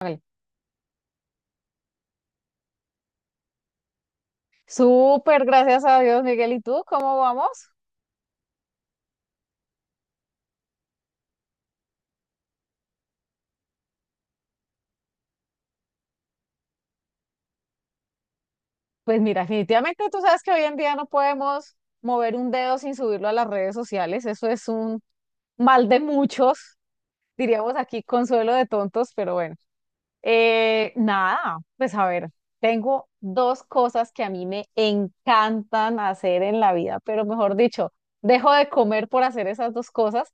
Vale. Súper, gracias a Dios, Miguel. ¿Y tú cómo vamos? Pues mira, definitivamente tú sabes que hoy en día no podemos mover un dedo sin subirlo a las redes sociales. Eso es un mal de muchos, diríamos aquí, consuelo de tontos, pero bueno. Nada, pues a ver, tengo dos cosas que a mí me encantan hacer en la vida, pero mejor dicho, dejo de comer por hacer esas dos cosas.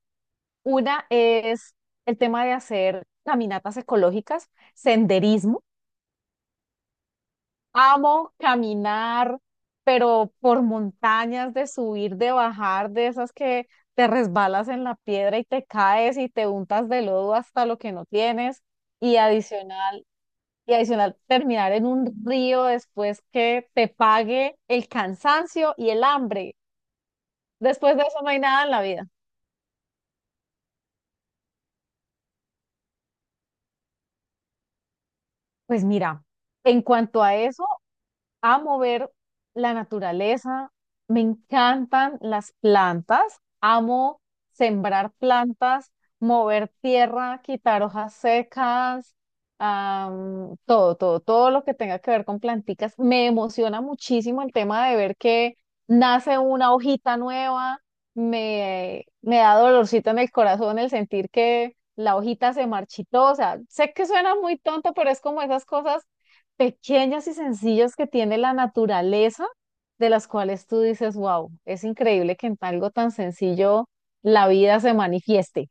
Una es el tema de hacer caminatas ecológicas, senderismo. Amo caminar, pero por montañas de subir, de bajar, de esas que te resbalas en la piedra y te caes y te untas de lodo hasta lo que no tienes. Y adicional, terminar en un río después que te pague el cansancio y el hambre. Después de eso no hay nada en la vida. Pues mira, en cuanto a eso, amo ver la naturaleza, me encantan las plantas, amo sembrar plantas, mover tierra, quitar hojas secas, todo lo que tenga que ver con planticas. Me emociona muchísimo el tema de ver que nace una hojita nueva, me da dolorcito en el corazón el sentir que la hojita se marchitó. O sea, sé que suena muy tonto, pero es como esas cosas pequeñas y sencillas que tiene la naturaleza, de las cuales tú dices, wow, es increíble que en algo tan sencillo la vida se manifieste.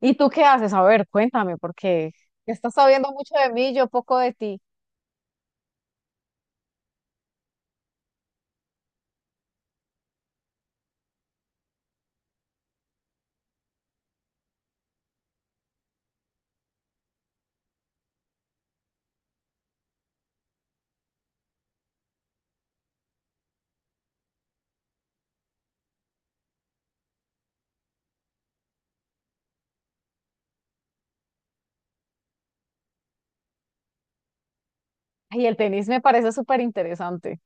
¿Y tú qué haces? A ver, cuéntame, porque estás sabiendo mucho de mí, yo poco de ti. Y el tenis me parece súper interesante.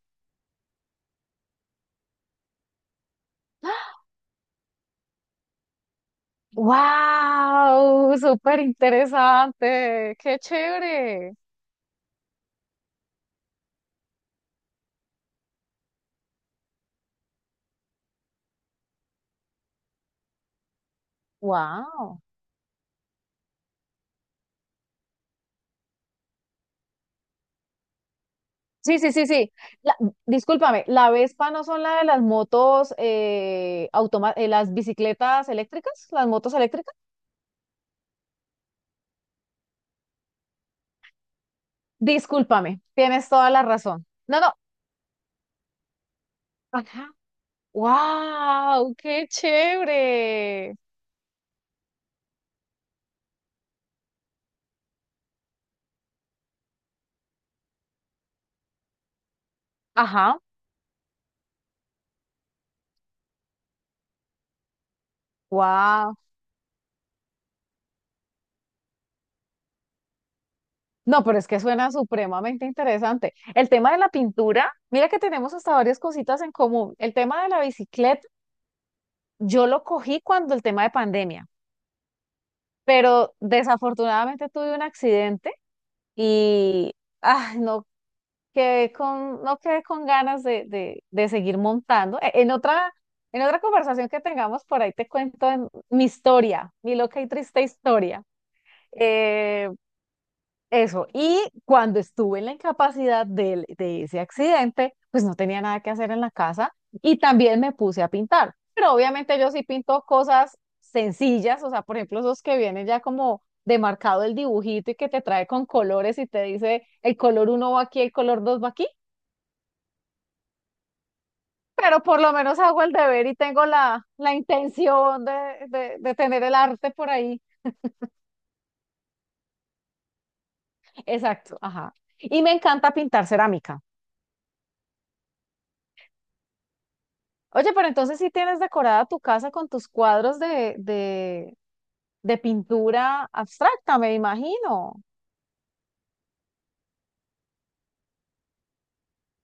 ¡Wow! Súper interesante. ¡Qué chévere! ¡Wow! Sí, sí, sí, sí. La- Discúlpame, ¿la Vespa no son la de las motos, las bicicletas eléctricas? ¿Las motos eléctricas? Discúlpame, tienes toda la razón. No, no. Ajá. ¡Wow! ¡Qué chévere! Ajá. ¡Wow! No, pero es que suena supremamente interesante. El tema de la pintura, mira que tenemos hasta varias cositas en común. El tema de la bicicleta, yo lo cogí cuando el tema de pandemia, pero desafortunadamente tuve un accidente y ah, no no quedé con ganas de seguir montando. En otra conversación que tengamos por ahí te cuento mi historia, mi loca y triste historia. Eh, Eso, y cuando estuve en la incapacidad de ese accidente, pues no tenía nada que hacer en la casa y también me puse a pintar. Pero obviamente yo sí pinto cosas sencillas, o sea, por ejemplo, esos que vienen ya como demarcado el dibujito y que te trae con colores y te dice el color uno va aquí, el color dos va aquí, pero por lo menos hago el deber y tengo la intención de, de tener el arte por ahí. Exacto, ajá. Y me encanta pintar cerámica. Oye, pero entonces sí tienes decorada tu casa con tus cuadros de pintura abstracta, me imagino.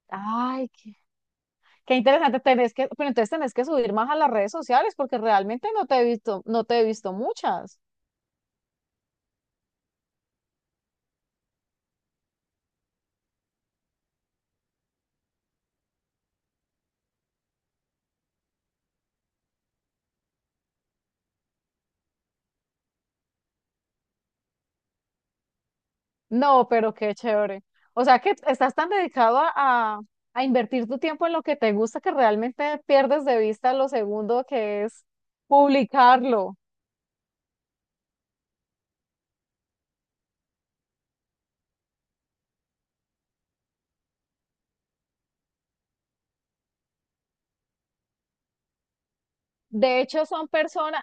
Ay, qué, qué interesante. Tenés que, pero entonces tenés que subir más a las redes sociales porque realmente no te he visto, no te he visto muchas. No, pero qué chévere. O sea que estás tan dedicado a invertir tu tiempo en lo que te gusta que realmente pierdes de vista lo segundo que es publicarlo. De hecho, son personas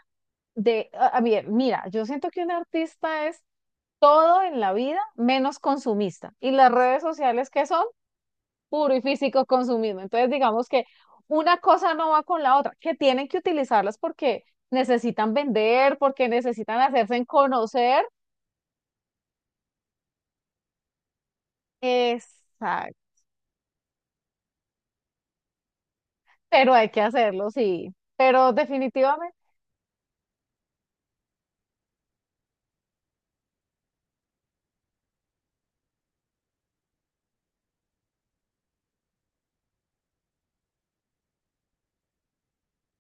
de, a ver, mira, yo siento que un artista es todo en la vida menos consumista. Y las redes sociales que son puro y físico consumismo. Entonces, digamos que una cosa no va con la otra, que tienen que utilizarlas porque necesitan vender, porque necesitan hacerse en conocer. Exacto. Pero hay que hacerlo, sí. Pero definitivamente,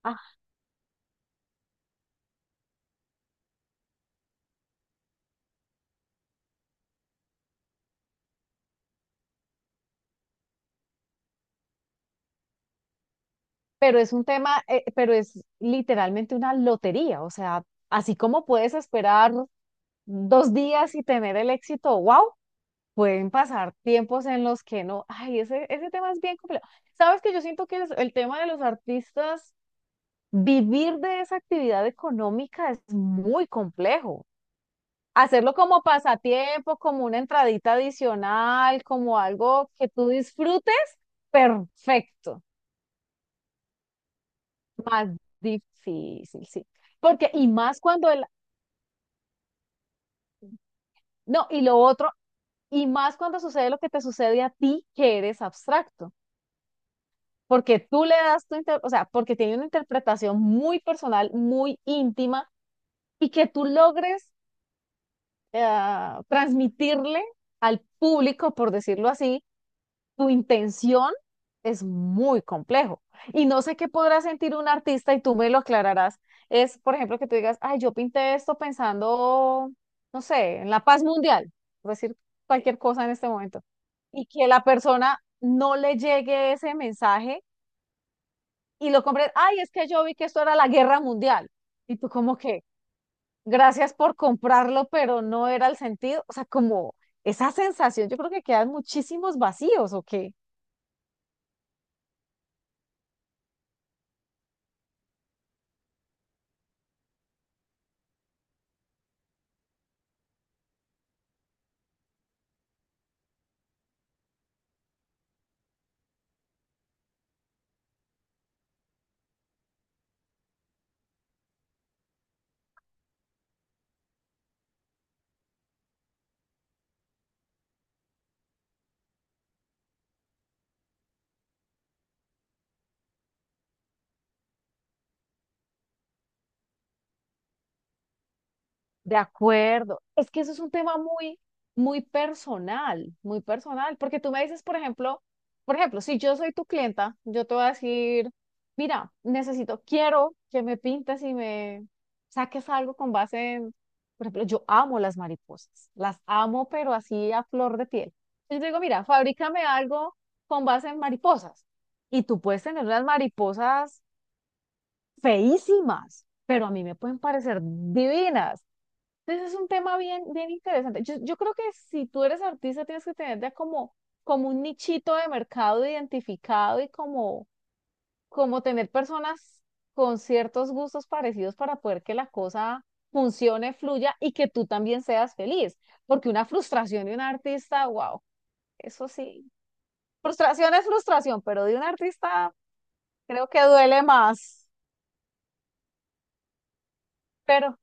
ah, pero es un tema, pero es literalmente una lotería. O sea, así como puedes esperar dos días y tener el éxito, wow, pueden pasar tiempos en los que no. Ay, ese tema es bien complejo. Sabes que yo siento que el tema de los artistas, vivir de esa actividad económica es muy complejo. Hacerlo como pasatiempo, como una entradita adicional, como algo que tú disfrutes, perfecto. Más difícil, sí. Porque, y más cuando el, no, y lo otro, y más cuando sucede lo que te sucede a ti, que eres abstracto. Porque tú le das tu o sea, porque tiene una interpretación muy personal, muy íntima, y que tú logres eh, transmitirle al público, por decirlo así, tu intención es muy complejo. Y no sé qué podrá sentir un artista y tú me lo aclararás. Es, por ejemplo, que tú digas, ay, yo pinté esto pensando, no sé, en la paz mundial, por decir cualquier cosa en este momento, y que la persona no le llegue ese mensaje y lo compré. Ay, es que yo vi que esto era la guerra mundial. Y tú como que, gracias por comprarlo, pero no era el sentido. O sea, como esa sensación, yo creo que quedan muchísimos vacíos, ¿o qué? De acuerdo. Es que eso es un tema muy, muy personal, porque tú me dices, por ejemplo, si yo soy tu clienta, yo te voy a decir, mira, necesito, quiero que me pintes y me saques algo con base en, por ejemplo, yo amo las mariposas, las amo, pero así a flor de piel. Yo te digo, mira, fabrícame algo con base en mariposas. Y tú puedes tener unas mariposas feísimas, pero a mí me pueden parecer divinas. Entonces es un tema bien, bien interesante. Yo creo que si tú eres artista tienes que tener ya como, como un nichito de mercado identificado y como, como tener personas con ciertos gustos parecidos para poder que la cosa funcione, fluya y que tú también seas feliz. Porque una frustración de un artista, wow, eso sí. Frustración es frustración, pero de un artista creo que duele más, pero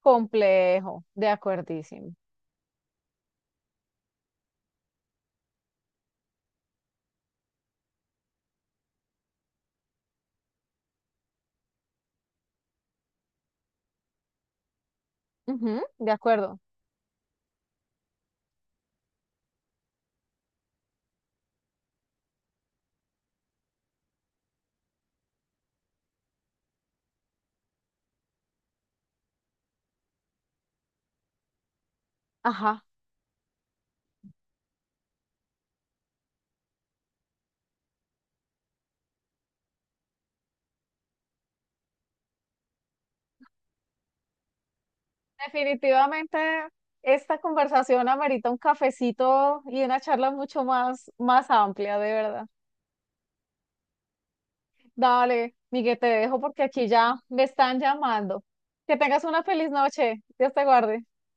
complejo, de acuerdísimo. Ujú, de acuerdo. Ajá. Definitivamente esta conversación amerita un cafecito y una charla mucho más, más amplia, de verdad. Dale, Miguel, te dejo porque aquí ya me están llamando. Que tengas una feliz noche. Dios te guarde.